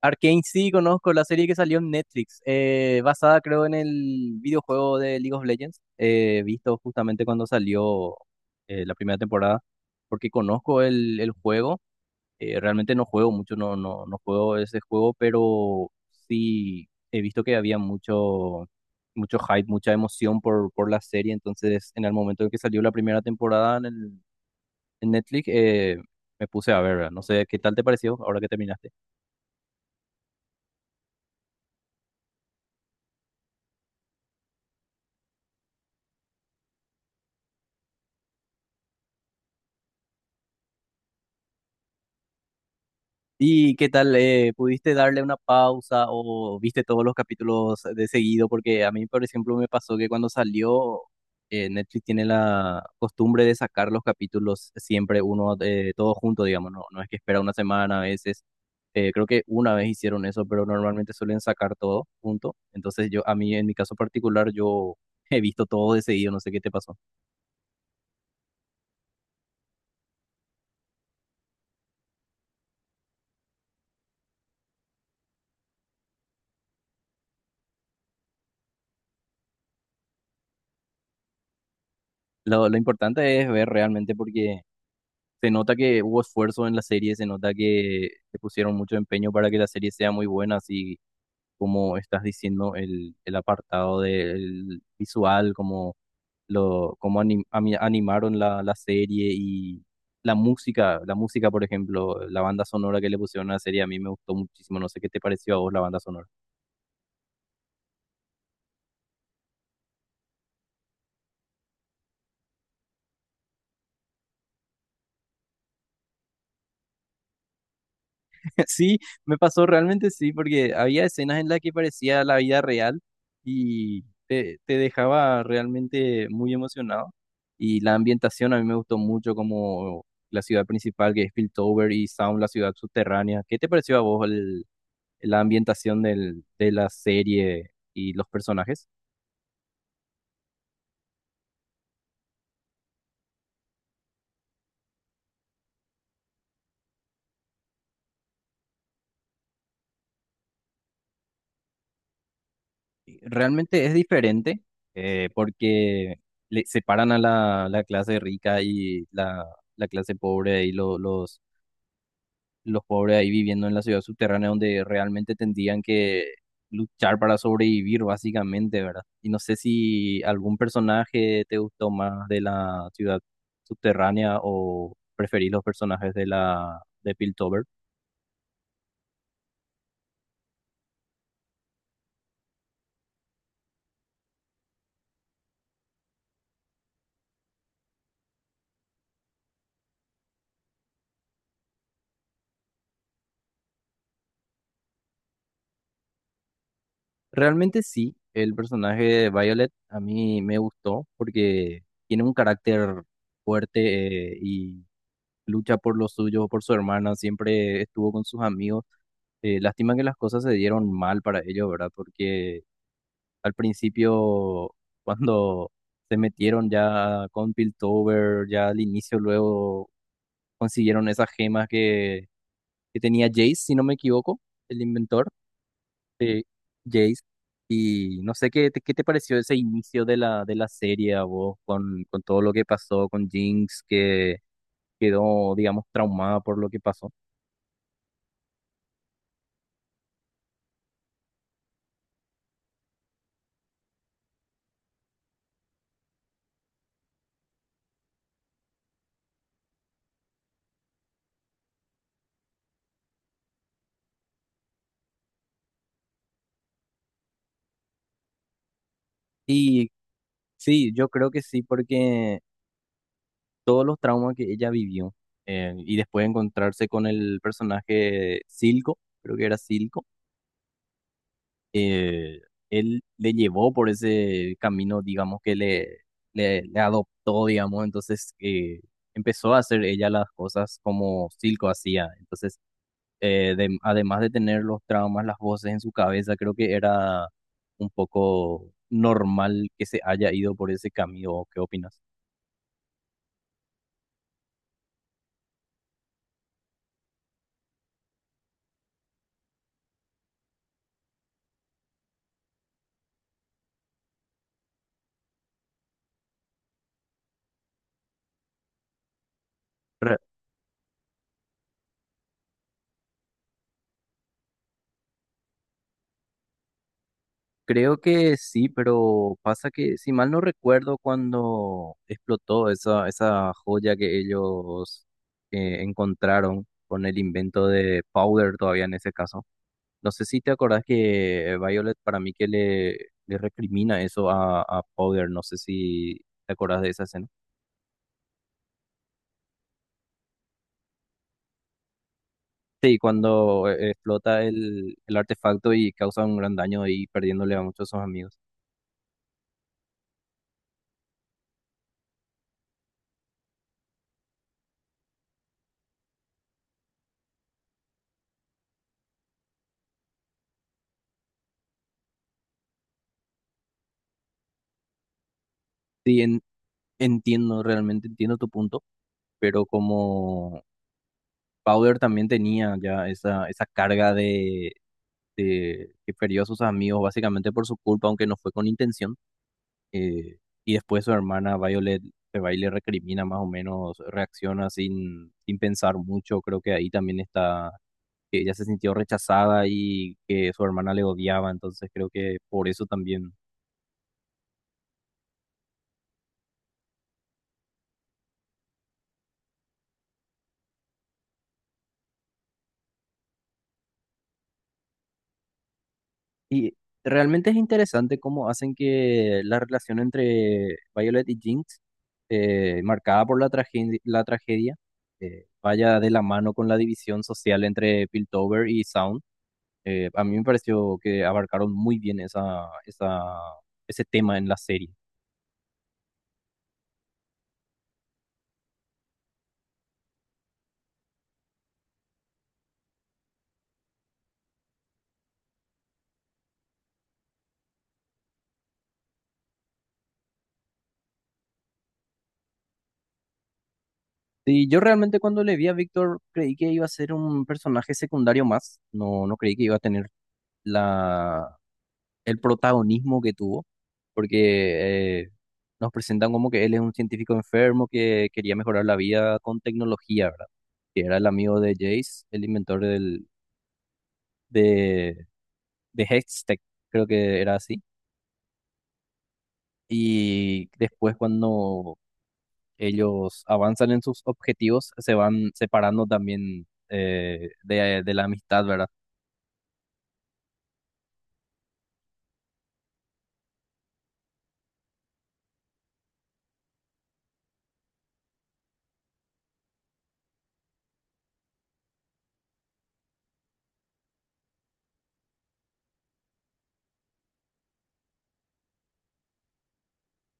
Arcane sí conozco la serie que salió en Netflix, basada creo en el videojuego de League of Legends, visto justamente cuando salió la primera temporada, porque conozco el juego. Realmente no juego mucho, no juego ese juego, pero sí he visto que había mucho hype, mucha emoción por la serie. Entonces en el momento en que salió la primera temporada en Netflix, me puse a ver, ¿verdad? No sé qué tal te pareció ahora que terminaste. ¿Y qué tal? ¿Pudiste darle una pausa o viste todos los capítulos de seguido? Porque a mí, por ejemplo, me pasó que cuando salió, Netflix tiene la costumbre de sacar los capítulos siempre uno, todo junto, digamos, no, no es que espera una semana a veces. Creo que una vez hicieron eso, pero normalmente suelen sacar todo junto. Entonces yo, a mí, en mi caso particular, yo he visto todo de seguido, no sé qué te pasó. Lo importante es ver realmente, porque se nota que hubo esfuerzo en la serie, se nota que le pusieron mucho empeño para que la serie sea muy buena, así como estás diciendo, el apartado del visual, como cómo animaron la serie y la música, por ejemplo, la banda sonora que le pusieron a la serie, a mí me gustó muchísimo. No sé qué te pareció a vos la banda sonora. Sí, me pasó realmente sí, porque había escenas en las que parecía la vida real y te dejaba realmente muy emocionado. Y la ambientación a mí me gustó mucho, como la ciudad principal que es Piltover y Sound, la ciudad subterránea. ¿Qué te pareció a vos el- la ambientación del- de la serie y los personajes? Realmente es diferente, porque le separan a la clase rica y la clase pobre y lo- los pobres ahí viviendo en la ciudad subterránea donde realmente tendrían que luchar para sobrevivir, básicamente, ¿verdad? Y no sé si algún personaje te gustó más de la ciudad subterránea o preferís los personajes de la de Piltover. Realmente sí, el personaje de Violet a mí me gustó porque tiene un carácter fuerte, y lucha por los suyos, por su hermana, siempre estuvo con sus amigos. Lástima que las cosas se dieron mal para ellos, ¿verdad? Porque al principio, cuando se metieron ya con Piltover, ya al inicio luego consiguieron esas gemas que tenía Jace, si no me equivoco, el inventor de Jace. Y no sé qué te pareció ese inicio de de la serie a vos, con todo lo que pasó con Jinx, que quedó, digamos, traumada por lo que pasó. Y sí, yo creo que sí, porque todos los traumas que ella vivió, y después encontrarse con el personaje Silco, creo que era Silco, eh, él le llevó por ese camino, digamos, que le, le adoptó, digamos, entonces empezó a hacer ella las cosas como Silco hacía. Entonces, de- además de tener los traumas, las voces en su cabeza, creo que era un poco normal que se haya ido por ese camino. ¿Qué opinas? Creo que sí, pero pasa que, si mal no recuerdo, cuando explotó esa joya que ellos encontraron con el invento de Powder todavía en ese caso. No sé si te acordás que Violet para mí que le recrimina eso a Powder, no sé si te acordás de esa escena. Sí, cuando explota el artefacto y causa un gran daño y perdiéndole a muchos de sus amigos. Sí, en- entiendo, realmente entiendo tu punto, pero como Powder también tenía ya esa carga de que perdió a sus amigos básicamente por su culpa, aunque no fue con intención. eh, y después su hermana Violet se va y le recrimina más o menos, reacciona sin pensar mucho. Creo que ahí también está, que ella se sintió rechazada y que su hermana le odiaba, entonces creo que por eso también. Y realmente es interesante cómo hacen que la relación entre Violet y Jinx, marcada por la tragedia, la tragedia, vaya de la mano con la división social entre Piltover y Sound. A mí me pareció que abarcaron muy bien ese tema en la serie. Y yo realmente cuando le vi a Víctor creí que iba a ser un personaje secundario más, no, no creí que iba a tener la el protagonismo que tuvo, porque nos presentan como que él es un científico enfermo que quería mejorar la vida con tecnología, ¿verdad? Que era el amigo de Jace, el inventor de, de Hextech, creo que era así. Y después cuando ellos avanzan en sus objetivos, se van separando también, de la amistad, ¿verdad?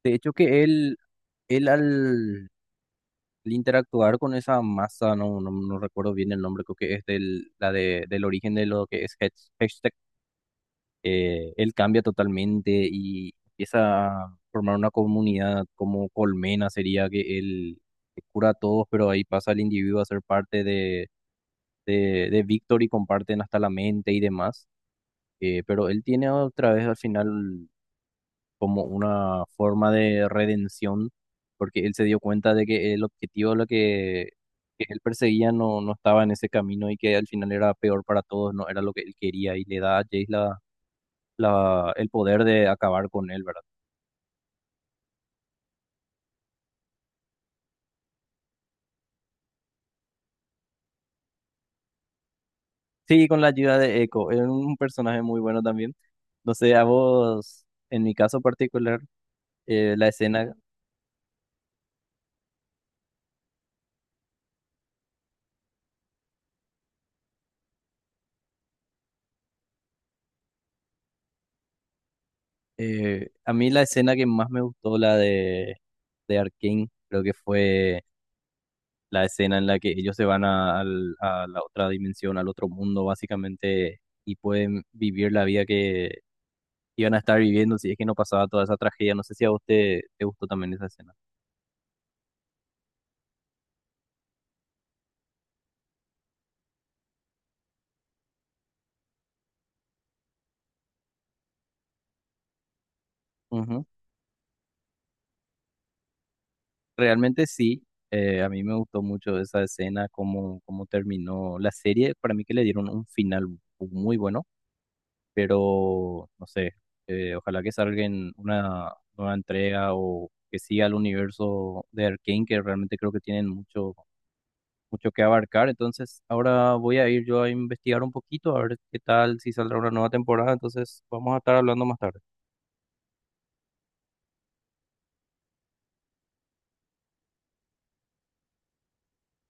De hecho que él al el interactuar con esa masa, no recuerdo bien el nombre, creo que es del, la de, del origen de lo que es hash- hashtag. Él cambia totalmente y empieza a formar una comunidad como colmena, sería que él cura a todos, pero ahí pasa el individuo a ser parte de Victor y comparten hasta la mente y demás. Pero él tiene otra vez al final como una forma de redención, porque él se dio cuenta de que el objetivo lo que él perseguía no, no estaba en ese camino y que al final era peor para todos, no era lo que él quería, y le da a Jace la, la- el poder de acabar con él, ¿verdad? Sí, con la ayuda de Echo, es un personaje muy bueno también. No sé, a vos, en mi caso particular, eh, la escena, a mí la escena que más me gustó, la de Arkane, creo que fue la escena en la que ellos se van a, al- a la otra dimensión, al otro mundo, básicamente, y pueden vivir la vida que iban a estar viviendo si es que no pasaba toda esa tragedia. No sé si a usted te gustó también esa escena. Ujú. Realmente sí, a mí me gustó mucho esa escena, cómo terminó la serie. Para mí que le dieron un final muy bueno, pero no sé, ojalá que salga en una nueva entrega o que siga el universo de Arkane, que realmente creo que tienen mucho que abarcar. Entonces, ahora voy a ir yo a investigar un poquito, a ver qué tal, si saldrá una nueva temporada. Entonces, vamos a estar hablando más tarde.